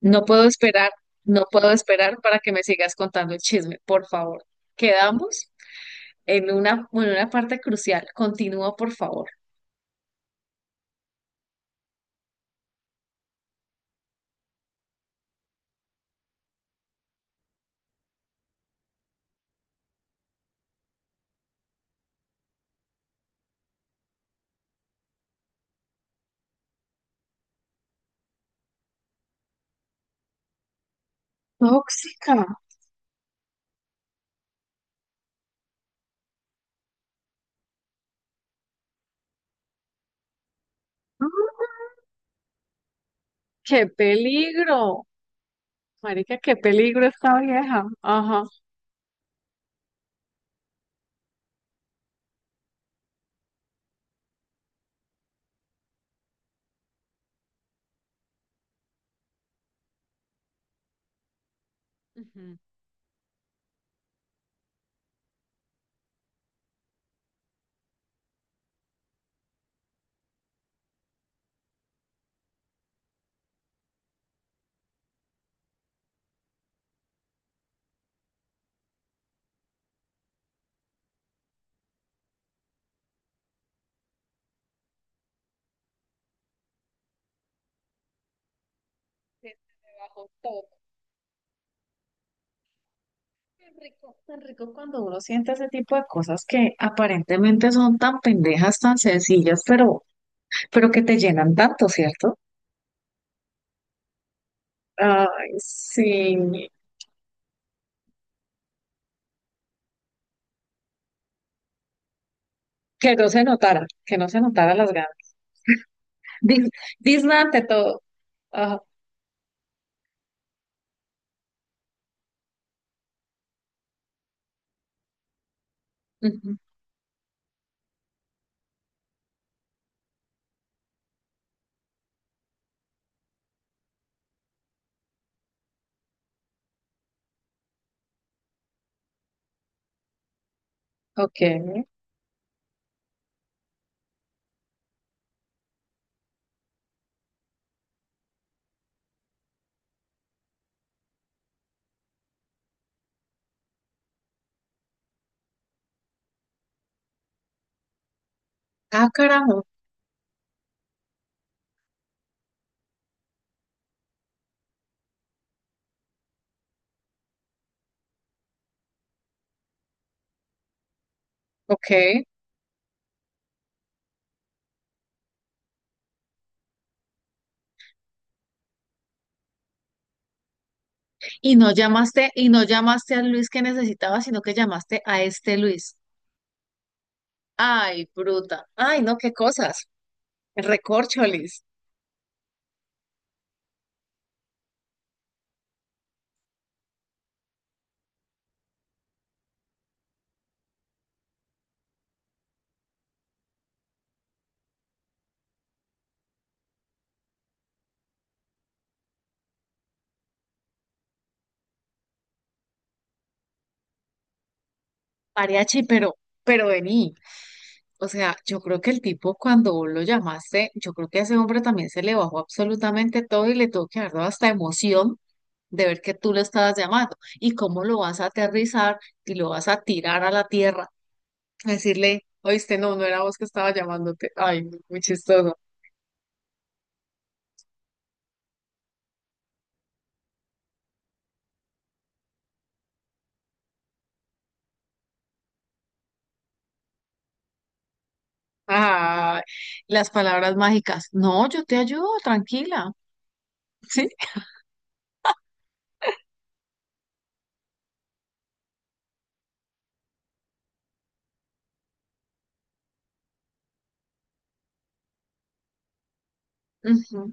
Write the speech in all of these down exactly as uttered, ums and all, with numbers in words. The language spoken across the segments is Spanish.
No puedo esperar, no puedo esperar para que me sigas contando el chisme, por favor. Quedamos en una, en una parte crucial. Continúa, por favor. Tóxica. ¡Ah! ¡Qué peligro! Marica, qué peligro esta vieja. Ajá. Ujú. Se me bajó todo. Tan rico, tan rico cuando uno siente ese tipo de cosas que aparentemente son tan pendejas, tan sencillas, pero, pero que te llenan tanto, ¿cierto? Ay, sí. Que no se notara, que no se notara las ganas. Dis, Disney ante todo. Ajá, ujú, ok. Ah, carajo. Ok. Y no llamaste, y no llamaste al Luis que necesitaba, sino que llamaste a este Luis. Ay, bruta. Ay, no, qué cosas. Recorcholis. Mariachi, pero, pero vení. O sea, yo creo que el tipo cuando vos lo llamaste, yo creo que a ese hombre también se le bajó absolutamente todo y le tuvo que haber dado hasta emoción de ver que tú lo estabas llamando y cómo lo vas a aterrizar y lo vas a tirar a la tierra, decirle, oíste, no, no era vos que estaba llamándote. Ay, no, muy chistoso. Ay, las palabras mágicas. No, yo te ayudo, tranquila. Sí. Ujú.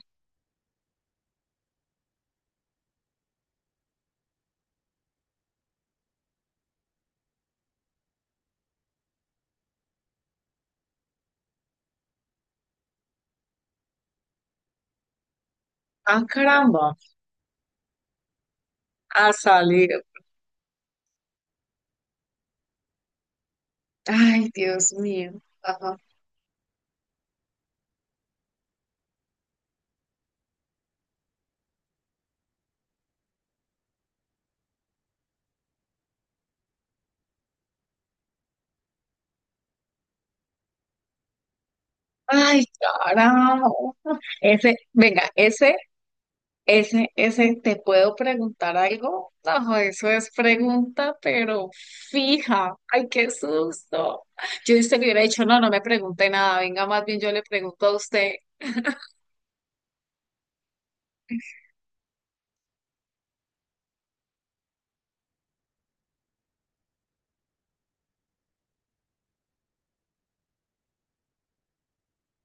Ah, caramba, a salir. Ay, Dios mío. Ajá. Ay, carajo. Ese, venga, ese, ese, ese, ¿te puedo preguntar algo? No, eso es pregunta, pero fija. Ay, qué susto. Yo a usted le hubiera dicho, no, no me pregunte nada. Venga, más bien yo le pregunto a usted,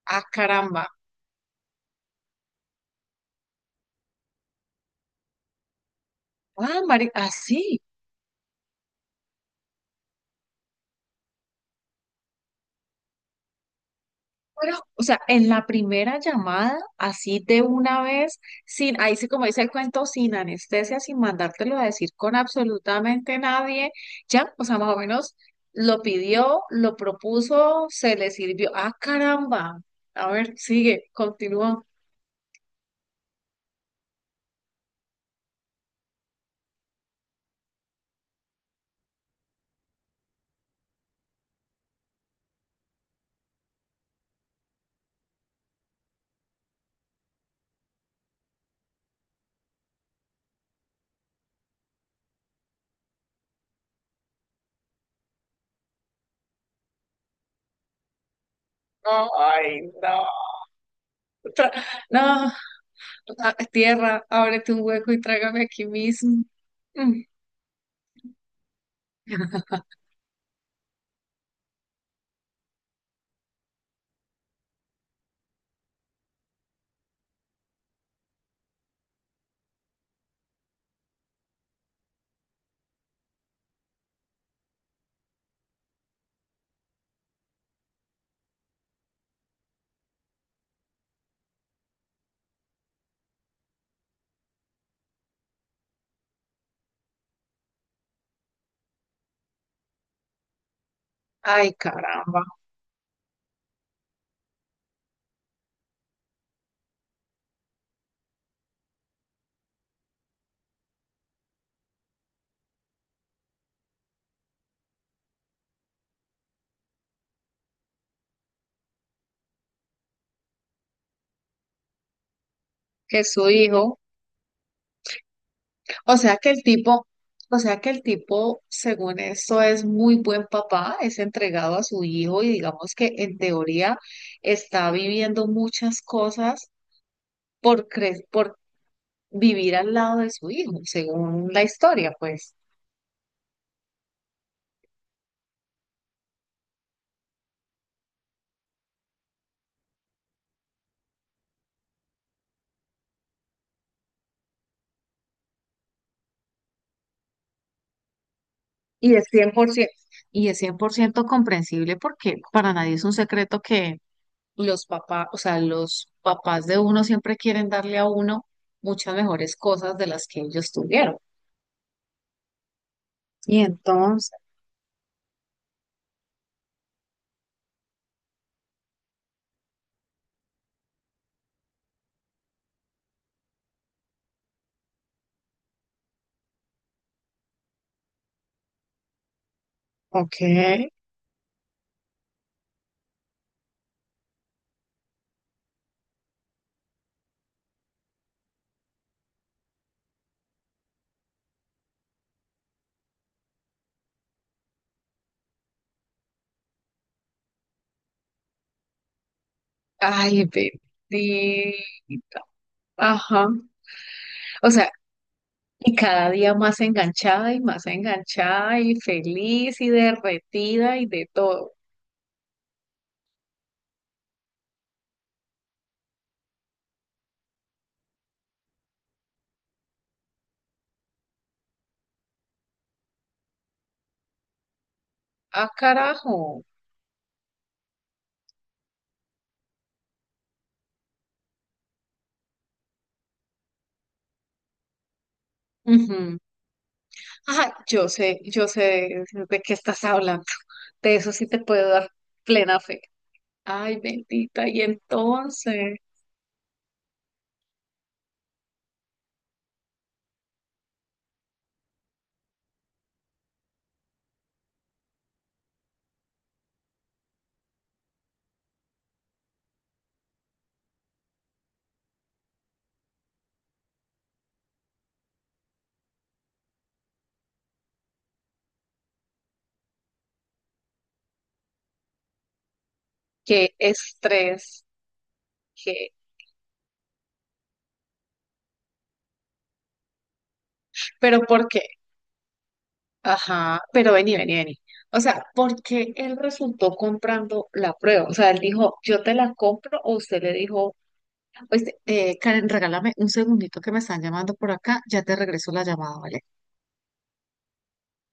ah, caramba. Ah, Mari, así. Pero, o sea, en la primera llamada, así de una vez, sin, ahí sí como dice el cuento, sin anestesia, sin mandártelo a decir con absolutamente nadie, ya, o sea, más o menos lo pidió, lo propuso, se le sirvió. Ah, caramba. A ver, sigue, continúa. No, ay, no. Tra- no, ah, tierra, ábrete un hueco y trágame aquí mismo. Mm. Ay, caramba, que su hijo. O sea que el tipo, o sea que el tipo, según esto, es muy buen papá, es entregado a su hijo y digamos que en teoría está viviendo muchas cosas por cre- por vivir al lado de su hijo, según la historia, pues. Y es cien por ciento, y es cien por ciento comprensible porque para nadie es un secreto que los papás, o sea, los papás de uno siempre quieren darle a uno muchas mejores cosas de las que ellos tuvieron. Y entonces, ok. Ay, bendita. Ajá. O sea, y cada día más enganchada y más enganchada y feliz y derretida y de todo. Ah, carajo. Ujú. Ajá, yo sé, yo sé de qué estás hablando. De eso sí te puedo dar plena fe. Ay, bendita. Y entonces, qué estrés, qué. Pero ¿por qué? Ajá, pero vení, vení, vení. O sea, ¿porque él resultó comprando la prueba? O sea, él dijo, yo te la compro, o usted le dijo, pues, eh, Karen, regálame un segundito que me están llamando por acá, ya te regreso la llamada, ¿vale?